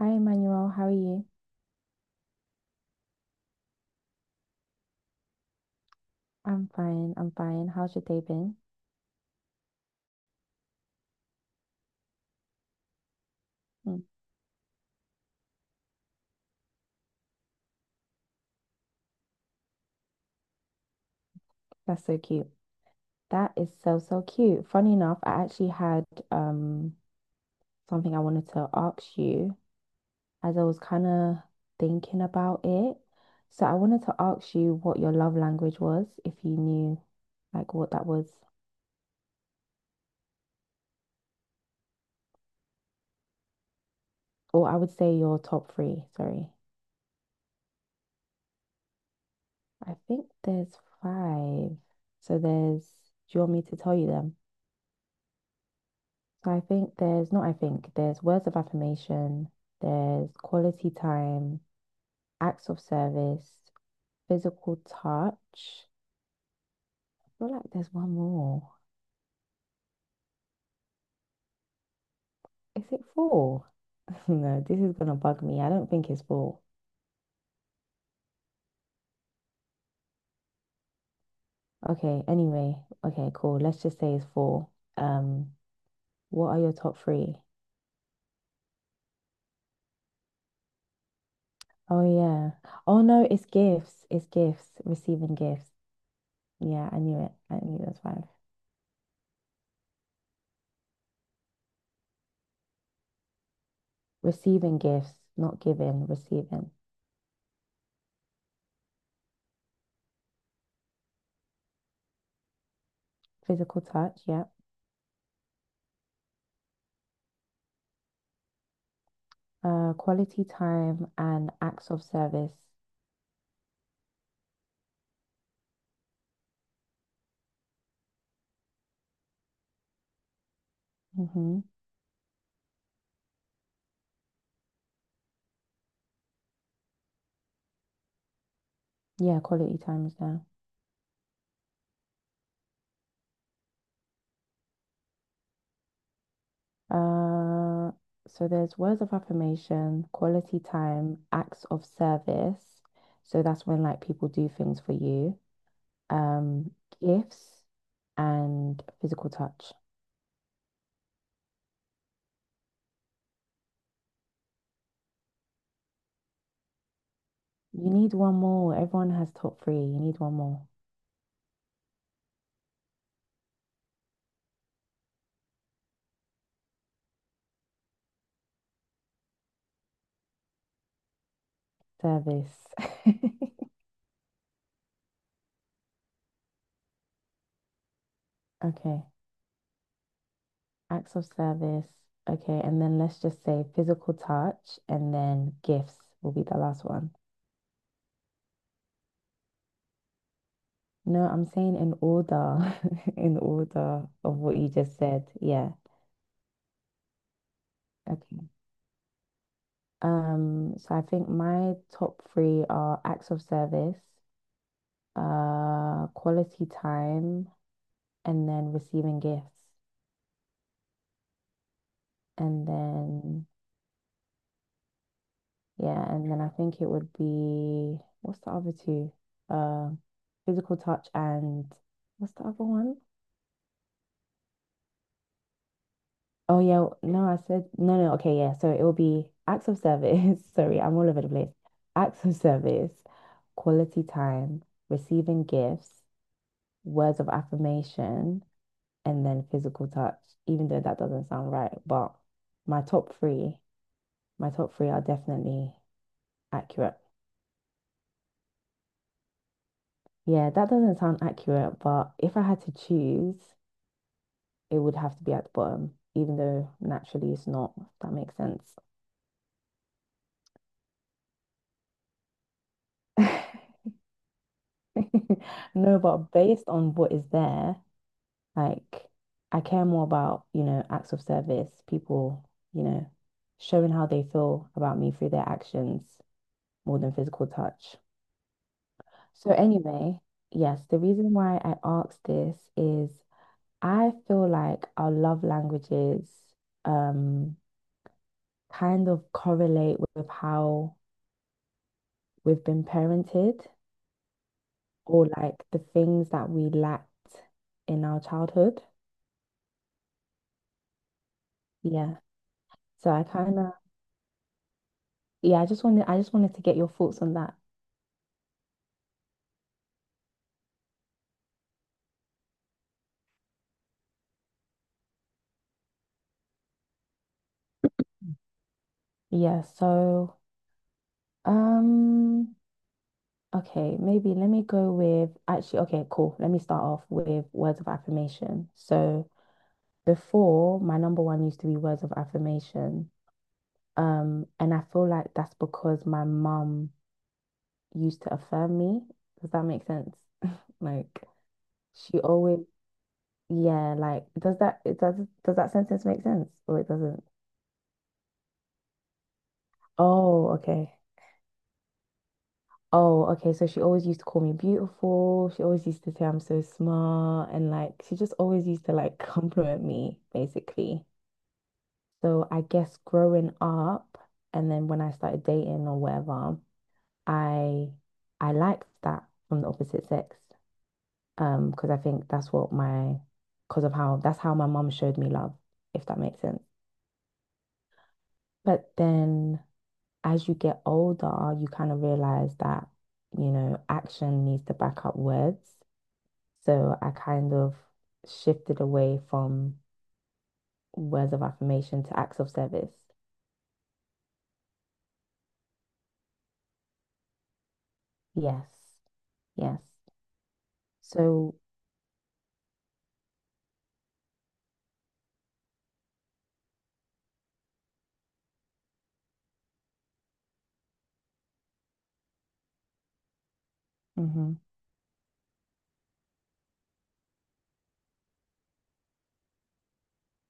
Hi, Emmanuel. How are you? I'm fine. I'm fine. How's your day been? Mm, that's so cute. That is so, so cute. Funny enough, I actually had um something I wanted to ask you as I was kind of thinking about it. So I wanted to ask you what your love language was, if you knew like what that was, or I would say your top three. Sorry. I think there's five. So there's, do you want me to tell you them? So I think there's not, I think there's words of affirmation, there's quality time, acts of service, physical touch. I feel like there's one more. Is it four? No, this is gonna bug me. I don't think it's four. Okay, anyway, okay, cool. Let's just say it's four. Um, what are your top three? Oh yeah. Oh no, it's gifts. It's gifts. Receiving gifts. Yeah, I knew it. I knew that's five. Receiving gifts, not giving, receiving. Physical touch, yeah. Quality time and acts of service. Mm-hmm. Yeah, quality time is there. Uh, so there's words of affirmation, quality time, acts of service. So that's when like people do things for you. Um, gifts and physical touch. You need one more. Everyone has top three. You need one more. Service. Okay. Acts of service. Okay, and then let's just say physical touch and then gifts will be the last one. No, I'm saying in order, in order of what you just said. Yeah. Okay. So I think my top three are acts of service, quality time, and then receiving gifts. And then yeah, and then I think it would be what's the other two? Uh, physical touch and what's the other one? Oh yeah, no, I said no, no. Okay, yeah. So it will be acts of service. Sorry, I'm all over the place. Acts of service, quality time, receiving gifts, words of affirmation, and then physical touch. Even though that doesn't sound right, but my top three, my top three are definitely accurate. Yeah, that doesn't sound accurate, but if I had to choose, it would have to be at the bottom, even though naturally it's not, if that makes sense. No, but based on what is there, like I care more about, acts of service, people, showing how they feel about me through their actions more than physical touch. So anyway, yes, the reason why I asked this is I feel like our love languages um kind of correlate with how we've been parented or like the things that we lacked in our childhood. Yeah. So I kind of, yeah, I just wanted to get your thoughts on that. Yeah, so, um, okay, maybe let me go with, actually, okay, cool. Let me start off with words of affirmation. So before, my number one used to be words of affirmation. And I feel like that's because my mum used to affirm me. Does that make sense? Like she always, yeah, does that sentence make sense or it doesn't? Oh, okay. Oh, okay. So she always used to call me beautiful. She always used to say I'm so smart. And like, she just always used to like compliment me, basically. So I guess growing up and then when I started dating or whatever, I I liked that from the opposite sex. Um, because I think that's what my, because of how, that's how my mum showed me love, if that makes sense. But then as you get older, you kind of realize that, you know, action needs to back up words. So I kind of shifted away from words of affirmation to acts of service. Yes, yes. So mhm,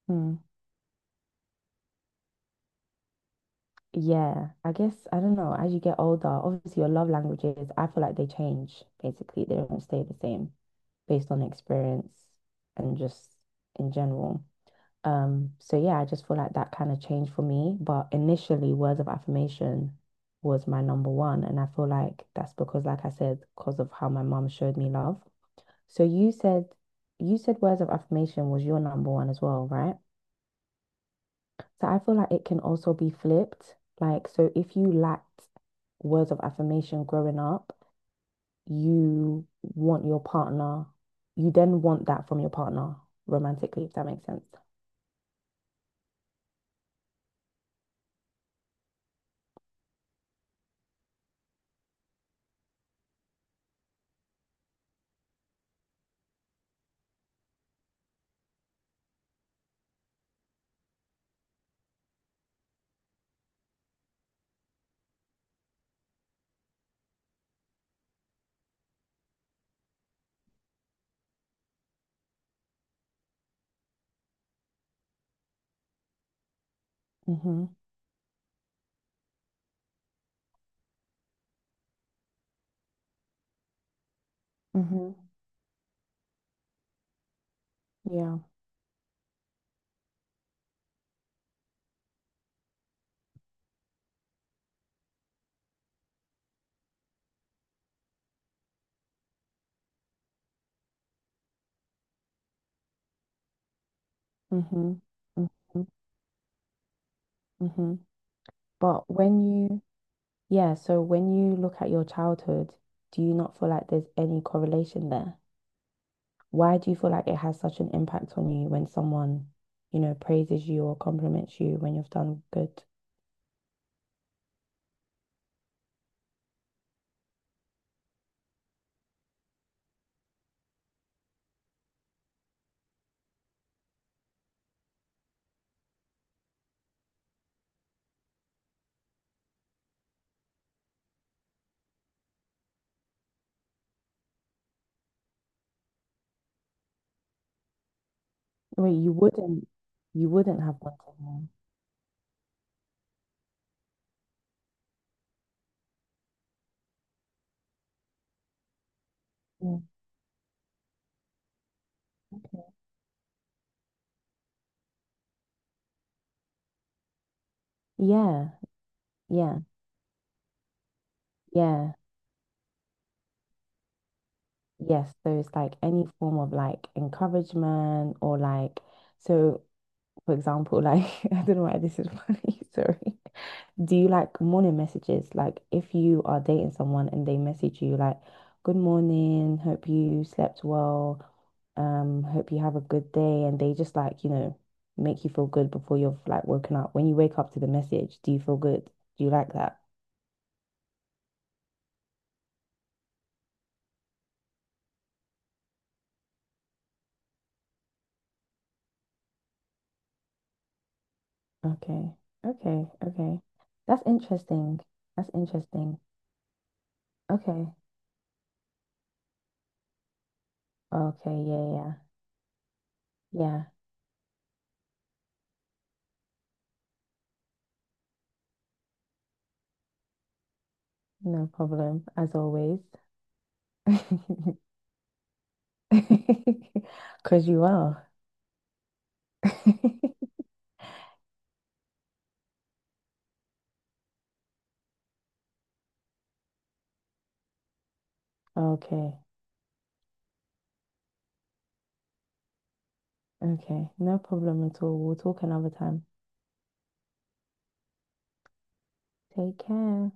mm yeah, I guess I don't know. As you get older, obviously your love languages, I feel like they change basically. They don't stay the same based on experience and just in general. So yeah, I just feel like that kind of changed for me. But initially, words of affirmation was my number one. And I feel like that's because, like I said, because of how my mom showed me love. So you said words of affirmation was your number one as well, right? So I feel like it can also be flipped. Like, so if you lacked words of affirmation growing up, you want your partner, you then want that from your partner romantically, if that makes sense. Mm-hmm. Mm-hmm. Yeah. Mm-hmm. Mm-hmm. Mm-hmm. But when you, yeah, so when you look at your childhood, do you not feel like there's any correlation there? Why do you feel like it has such an impact on you when someone, you know, praises you or compliments you when you've done good? Wait, you wouldn't have wanted more. Them. Mm. Okay. Yeah, yeah, yeah, yes. So it's like any form of like encouragement or like, so for example, like I don't know why this is funny, sorry. Do you like morning messages? Like if you are dating someone and they message you like, good morning, hope you slept well, hope you have a good day, and they just like, you know, make you feel good before you've like woken up. When you wake up to the message, do you feel good? Do you like that? Okay. Okay. Okay. That's interesting. That's interesting. Okay. Okay. Yeah. Yeah. Yeah. No problem, as always. Because you are. Okay. Okay. No problem at all. We'll talk another time. Take care.